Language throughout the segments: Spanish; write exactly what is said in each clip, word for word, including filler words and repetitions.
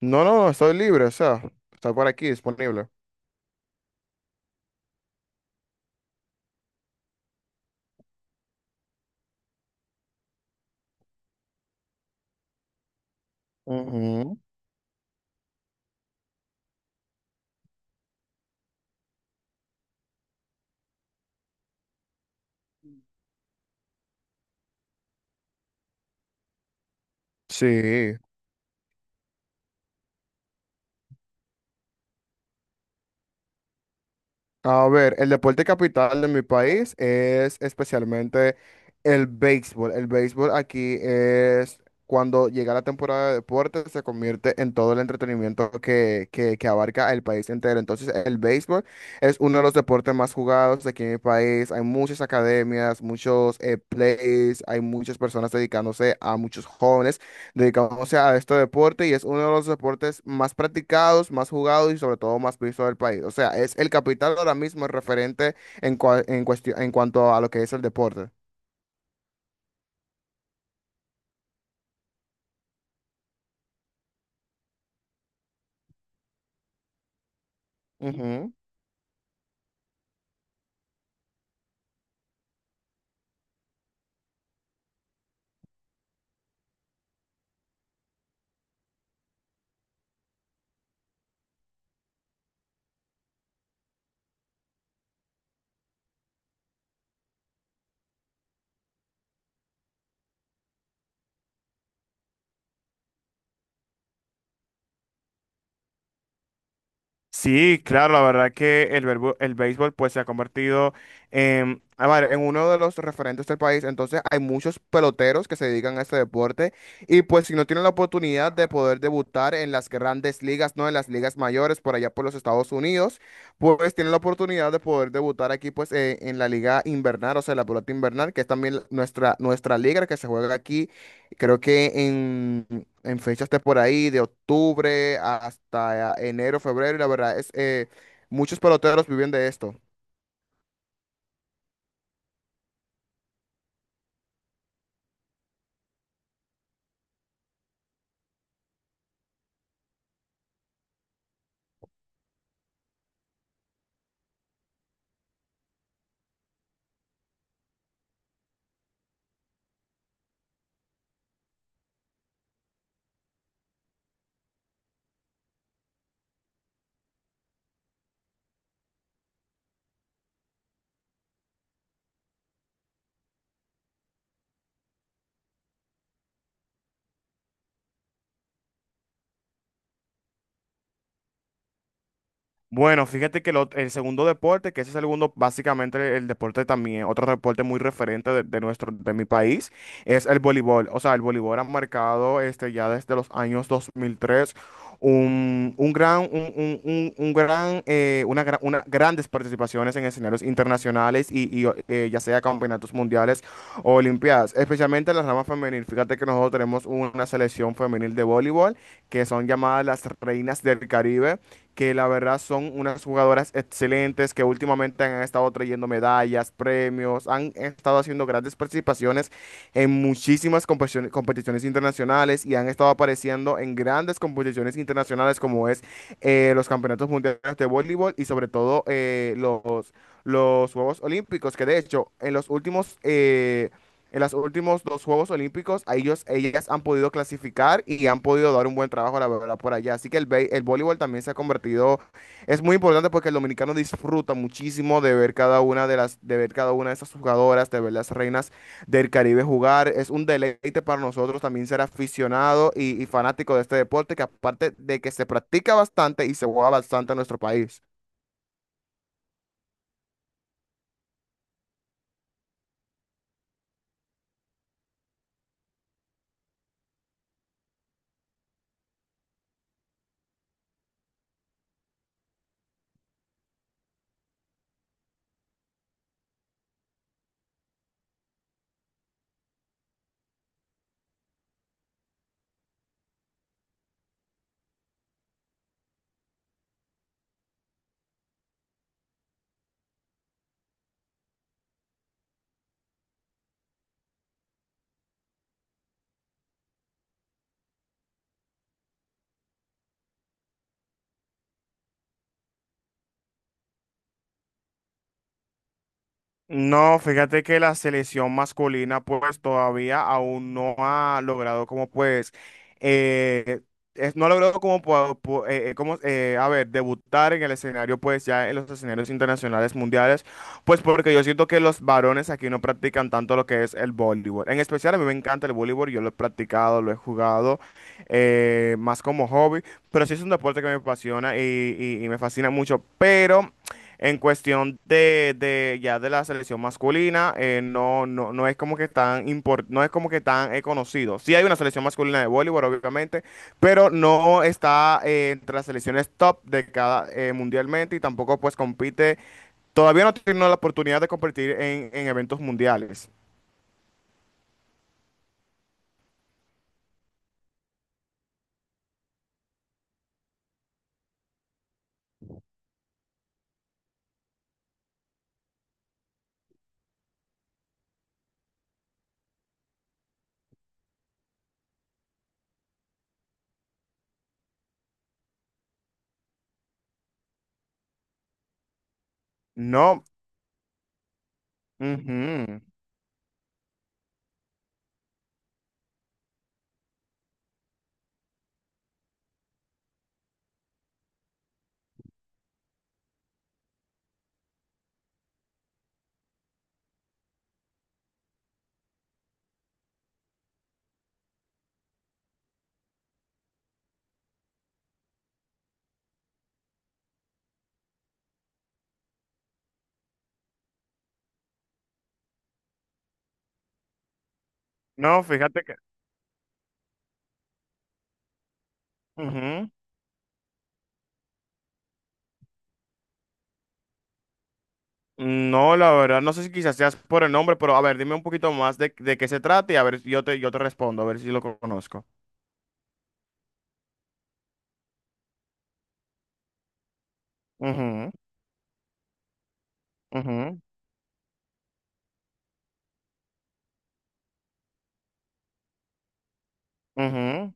No, no, no, estoy libre, o sea, está por aquí disponible. Ujú. Sí. A ver, el deporte capital de mi país es especialmente el béisbol. El béisbol aquí es cuando llega la temporada de deportes, se convierte en todo el entretenimiento que, que, que abarca el país entero. Entonces, el béisbol es uno de los deportes más jugados aquí en mi país. Hay muchas academias, muchos eh, plays, hay muchas personas dedicándose a muchos jóvenes. Dedicándose a este deporte y es uno de los deportes más practicados, más jugados y sobre todo más visto del país. O sea, es el capital ahora mismo el referente en, cua- en cuestión, en cuanto a lo que es el deporte. Ujú. Sí, claro, la verdad que el, verbo- el béisbol pues se ha convertido en, a ver, en uno de los referentes del país. Entonces hay muchos peloteros que se dedican a este deporte y pues si no tienen la oportunidad de poder debutar en las grandes ligas, no en las ligas mayores por allá por los Estados Unidos, pues tienen la oportunidad de poder debutar aquí pues eh, en la liga invernal, o sea, la pelota invernal, que es también nuestra, nuestra liga que se juega aquí. Creo que en, en fechas de por ahí, de octubre hasta enero, febrero, y la verdad es, eh, muchos peloteros viven de esto. Bueno, fíjate que el, ot- el segundo deporte, que ese es el segundo, básicamente el deporte también, otro deporte muy referente de, de nuestro, de mi país, es el voleibol. O sea, el voleibol ha marcado este, ya desde los años dos mil tres un, un gran, un, un- un- un gran, eh, una, gra- una- grandes participaciones en escenarios internacionales y, y, eh, ya sea campeonatos mundiales o olimpiadas, especialmente en la rama femenil. Fíjate que nosotros tenemos una selección femenil de voleibol que son llamadas las Reinas del Caribe, que la verdad son unas jugadoras excelentes, que últimamente han estado trayendo medallas, premios, han estado haciendo grandes participaciones en muchísimas competiciones, competiciones internacionales y han estado apareciendo en grandes competiciones internacionales como es eh, los campeonatos mundiales de voleibol y sobre todo eh, los, los Juegos Olímpicos, que de hecho en los últimos... eh, en los últimos dos Juegos Olímpicos, a ellos, ellas han podido clasificar y han podido dar un buen trabajo, la verdad, por allá. Así que el, bei- el voleibol también se ha convertido, es muy importante porque el dominicano disfruta muchísimo de ver cada una de las, de ver cada una de esas jugadoras, de ver las Reinas del Caribe jugar. Es un deleite para nosotros también ser aficionado y, y fanático de este deporte, que aparte de que se practica bastante y se juega bastante en nuestro país. No, fíjate que la selección masculina pues todavía aún no ha logrado como pues, eh, es- no ha logrado como, po- po- eh, eh, como eh, a ver, debutar en el escenario pues ya en los escenarios internacionales mundiales, pues porque yo siento que los varones aquí no practican tanto lo que es el voleibol. En especial a mí me encanta el voleibol, yo lo he practicado, lo he jugado eh, más como hobby, pero sí es un deporte que me apasiona y, y y me fascina mucho, pero... En cuestión de, de ya de la selección masculina, eh, no, no, no es como que tan impor- no es como que tan eh, conocido. Sí hay una selección masculina de voleibol, obviamente, pero no está eh, entre las selecciones top de cada eh, mundialmente y tampoco pues compite. Todavía no tiene la oportunidad de competir en, en eventos mundiales. No, ujú. No, fíjate que. Ujú. No, la verdad, no sé si quizás seas por el nombre, pero a ver, dime un poquito más de, de qué se trata y a ver, yo te, yo te respondo, a ver si lo conozco. Ujú, ujú, ujú.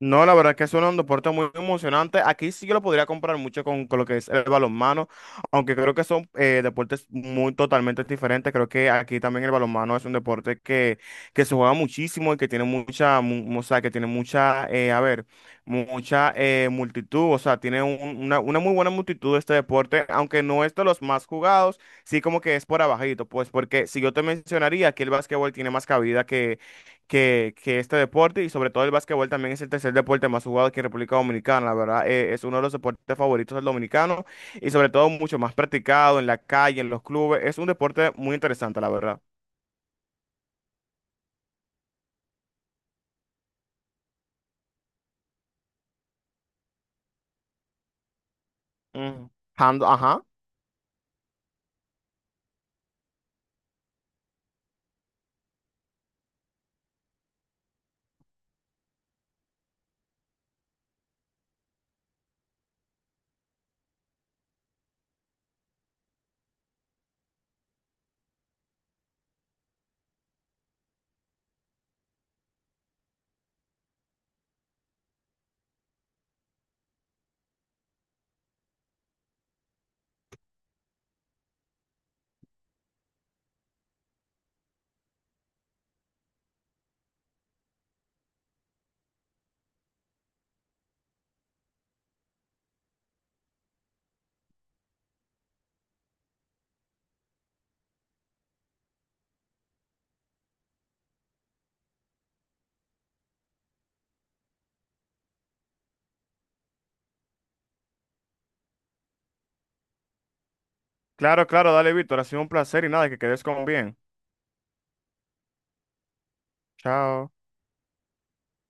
No, la verdad que es un deporte muy emocionante. Aquí sí que lo podría comprar mucho con, con lo que es el balonmano, aunque creo que son eh, deportes muy totalmente diferentes. Creo que aquí también el balonmano es un deporte que, que se juega muchísimo y que tiene mucha, mu- o sea, que tiene mucha, eh, a ver, mucha eh, multitud. O sea, tiene un- una, una muy buena multitud este deporte, aunque no es de los más jugados, sí como que es por abajito, pues porque si yo te mencionaría que el básquetbol tiene más cabida que, que este deporte y sobre todo el básquetbol también es el tercer deporte más jugado aquí en República Dominicana. La verdad, eh, es uno de los deportes favoritos del dominicano y sobre todo mucho más practicado en la calle, en los clubes. Es un deporte muy interesante, la verdad. Ujú. Hand- Ajá. Claro, claro, dale, Víctor. Ha sido un placer y nada, que quedes con bien. Chao.